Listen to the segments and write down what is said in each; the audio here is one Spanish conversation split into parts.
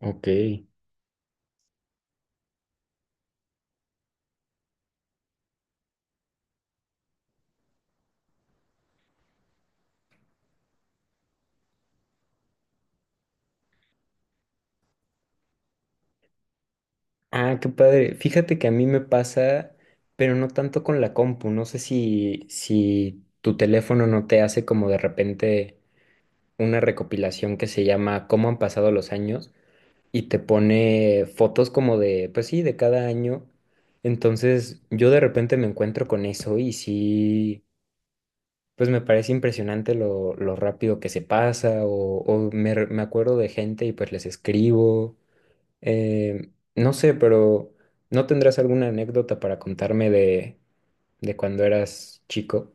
Ok. Ah, qué padre. Fíjate que a mí me pasa, pero no tanto con la compu. No sé si tu teléfono no te hace como de repente una recopilación que se llama ¿Cómo han pasado los años? Y te pone fotos como de, pues sí, de cada año. Entonces yo de repente me encuentro con eso y sí, pues me parece impresionante lo rápido que se pasa o me acuerdo de gente y pues les escribo. No sé, pero ¿no tendrás alguna anécdota para contarme de cuando eras chico?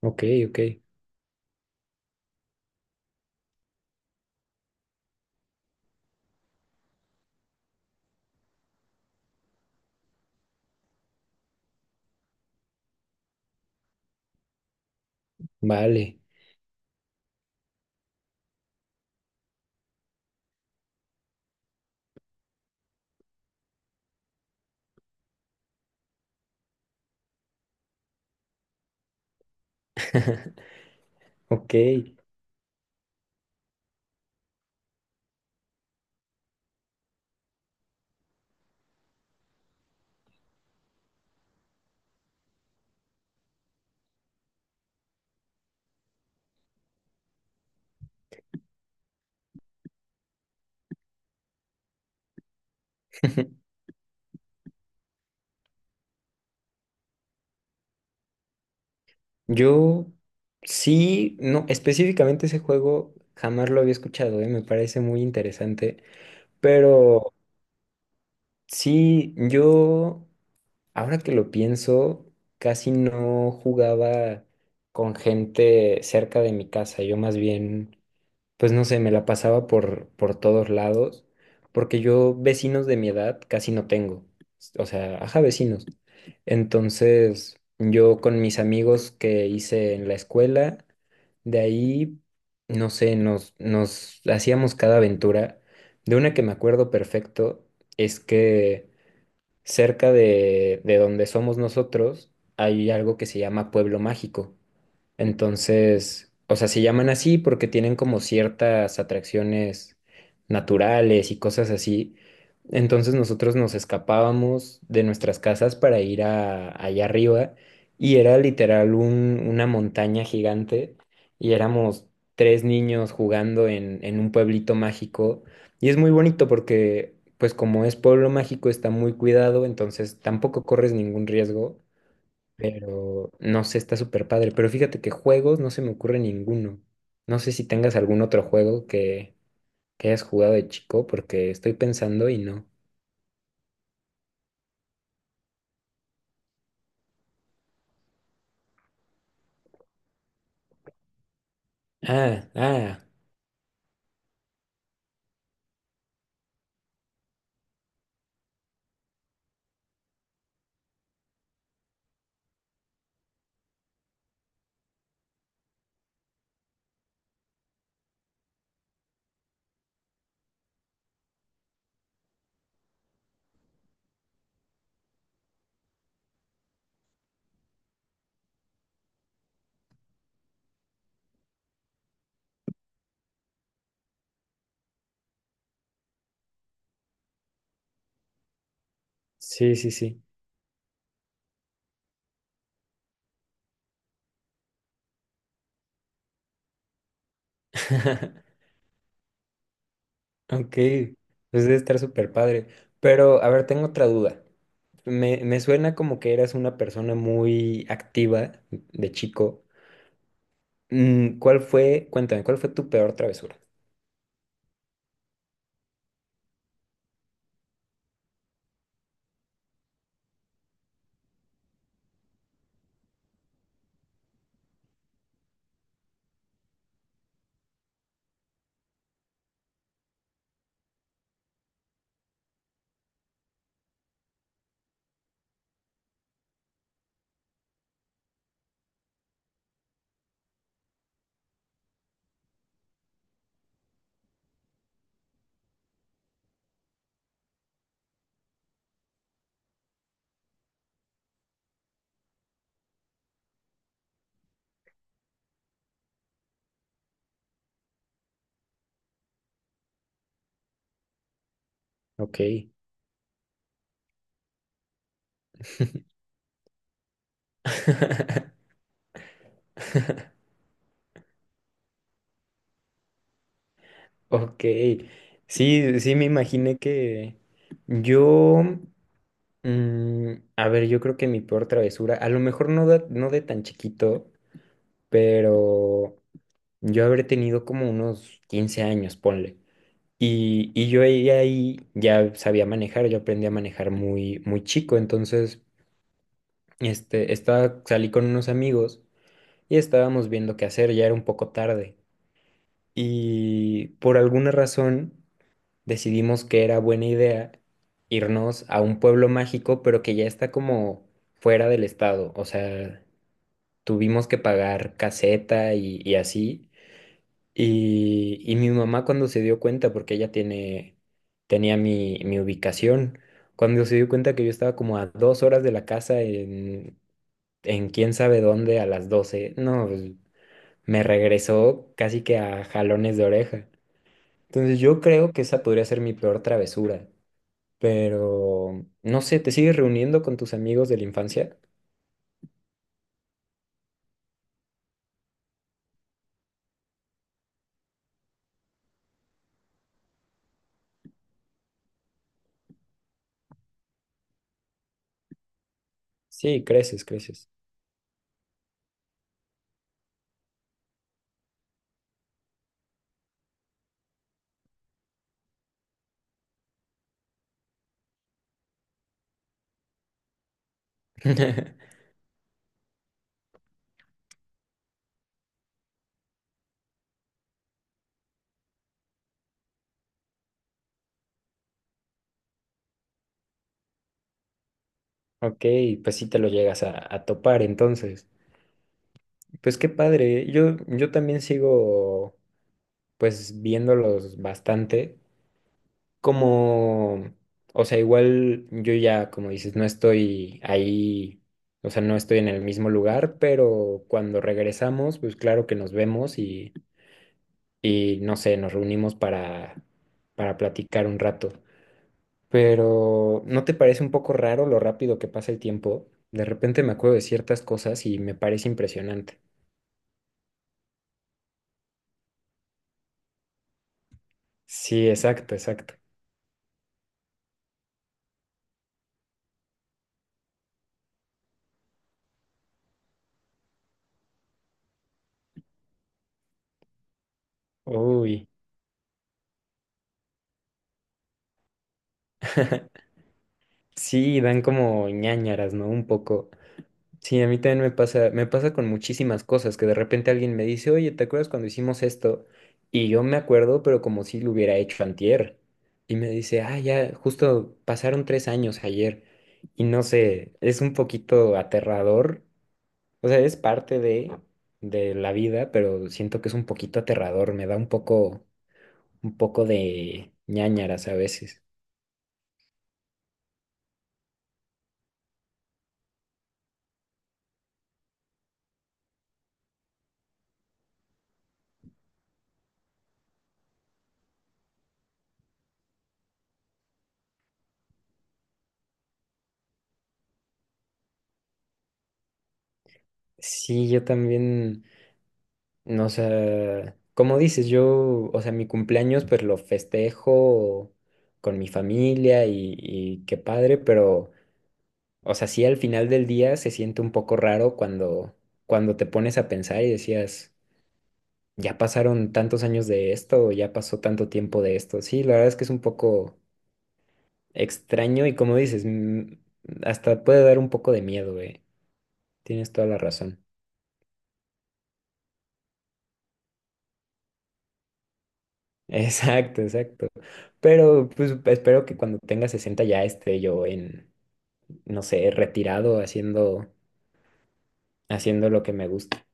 Ok, ok, vale, ok. Yo sí, no, específicamente ese juego jamás lo había escuchado, me parece muy interesante, pero sí, yo, ahora que lo pienso, casi no jugaba con gente cerca de mi casa, yo más bien, pues no sé, me la pasaba por todos lados, porque yo vecinos de mi edad casi no tengo. O sea, ajá, vecinos. Entonces, yo con mis amigos que hice en la escuela, de ahí, no sé, nos hacíamos cada aventura. De una que me acuerdo perfecto es que cerca de, donde somos nosotros hay algo que se llama Pueblo Mágico. Entonces, o sea, se llaman así porque tienen como ciertas atracciones naturales y cosas así. Entonces nosotros nos escapábamos de nuestras casas para ir a, allá arriba y era literal una montaña gigante y éramos tres niños jugando en, un pueblito mágico y es muy bonito porque pues como es pueblo mágico está muy cuidado, entonces tampoco corres ningún riesgo, pero no sé, está súper padre. Pero fíjate que juegos no se me ocurre ninguno. No sé si tengas algún otro juego que hayas jugado de chico, porque estoy pensando y no. Ah, ah, sí, sí, sí. Ok, pues debe estar súper padre. Pero, a ver, tengo otra duda. Me suena como que eras una persona muy activa de chico. ¿Cuál fue, cuéntame, cuál fue tu peor travesura? Ok. Ok, sí, sí me imaginé que yo, a ver, yo creo que mi peor travesura, a lo mejor no de, no de tan chiquito, pero yo habré tenido como unos 15 años, ponle. Y yo ahí, ya sabía manejar, yo aprendí a manejar muy, muy chico, entonces estaba, salí con unos amigos y estábamos viendo qué hacer, ya era un poco tarde. Y por alguna razón, decidimos que era buena idea irnos a un pueblo mágico, pero que ya está como fuera del estado. O sea, tuvimos que pagar caseta y, así. Y mi mamá cuando se dio cuenta, porque ella tenía mi ubicación, cuando se dio cuenta que yo estaba como a 2 horas de la casa en quién sabe dónde a las 12, no, pues, me regresó casi que a jalones de oreja. Entonces yo creo que esa podría ser mi peor travesura. Pero, no sé, ¿te sigues reuniendo con tus amigos de la infancia? Sí, creces, creces. Ok, pues sí te lo llegas a, topar entonces. Pues qué padre, yo también sigo pues viéndolos bastante, como, o sea, igual yo ya, como dices, no estoy ahí, o sea, no estoy en el mismo lugar, pero cuando regresamos, pues claro que nos vemos y, no sé, nos reunimos para platicar un rato. Pero ¿no te parece un poco raro lo rápido que pasa el tiempo? De repente me acuerdo de ciertas cosas y me parece impresionante. Sí, exacto, exacto. Uy. Sí, dan como ñáñaras, ¿no? Un poco. Sí, a mí también me pasa con muchísimas cosas que de repente alguien me dice, oye, ¿te acuerdas cuando hicimos esto? Y yo me acuerdo, pero como si lo hubiera hecho antier. Y me dice, ah, ya, justo pasaron 3 años ayer. Y no sé, es un poquito aterrador. O sea, es parte de, la vida, pero siento que es un poquito aterrador, me da un poco de ñáñaras a veces. Sí, yo también, no, o sea, como dices, yo, o sea, mi cumpleaños pues lo festejo con mi familia y, qué padre, pero, o sea, sí al final del día se siente un poco raro cuando te pones a pensar y decías, ya pasaron tantos años de esto, o ya pasó tanto tiempo de esto. Sí, la verdad es que es un poco extraño y como dices, hasta puede dar un poco de miedo, eh. Tienes toda la razón. Exacto, exacto. Pero pues espero que cuando tenga 60 ya esté yo en, no sé, retirado haciendo lo que me gusta.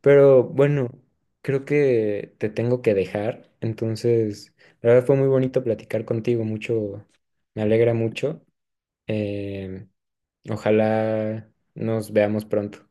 Pero bueno, creo que te tengo que dejar. Entonces, la verdad fue muy bonito platicar contigo, mucho, me alegra mucho. Em, Ojalá nos veamos pronto.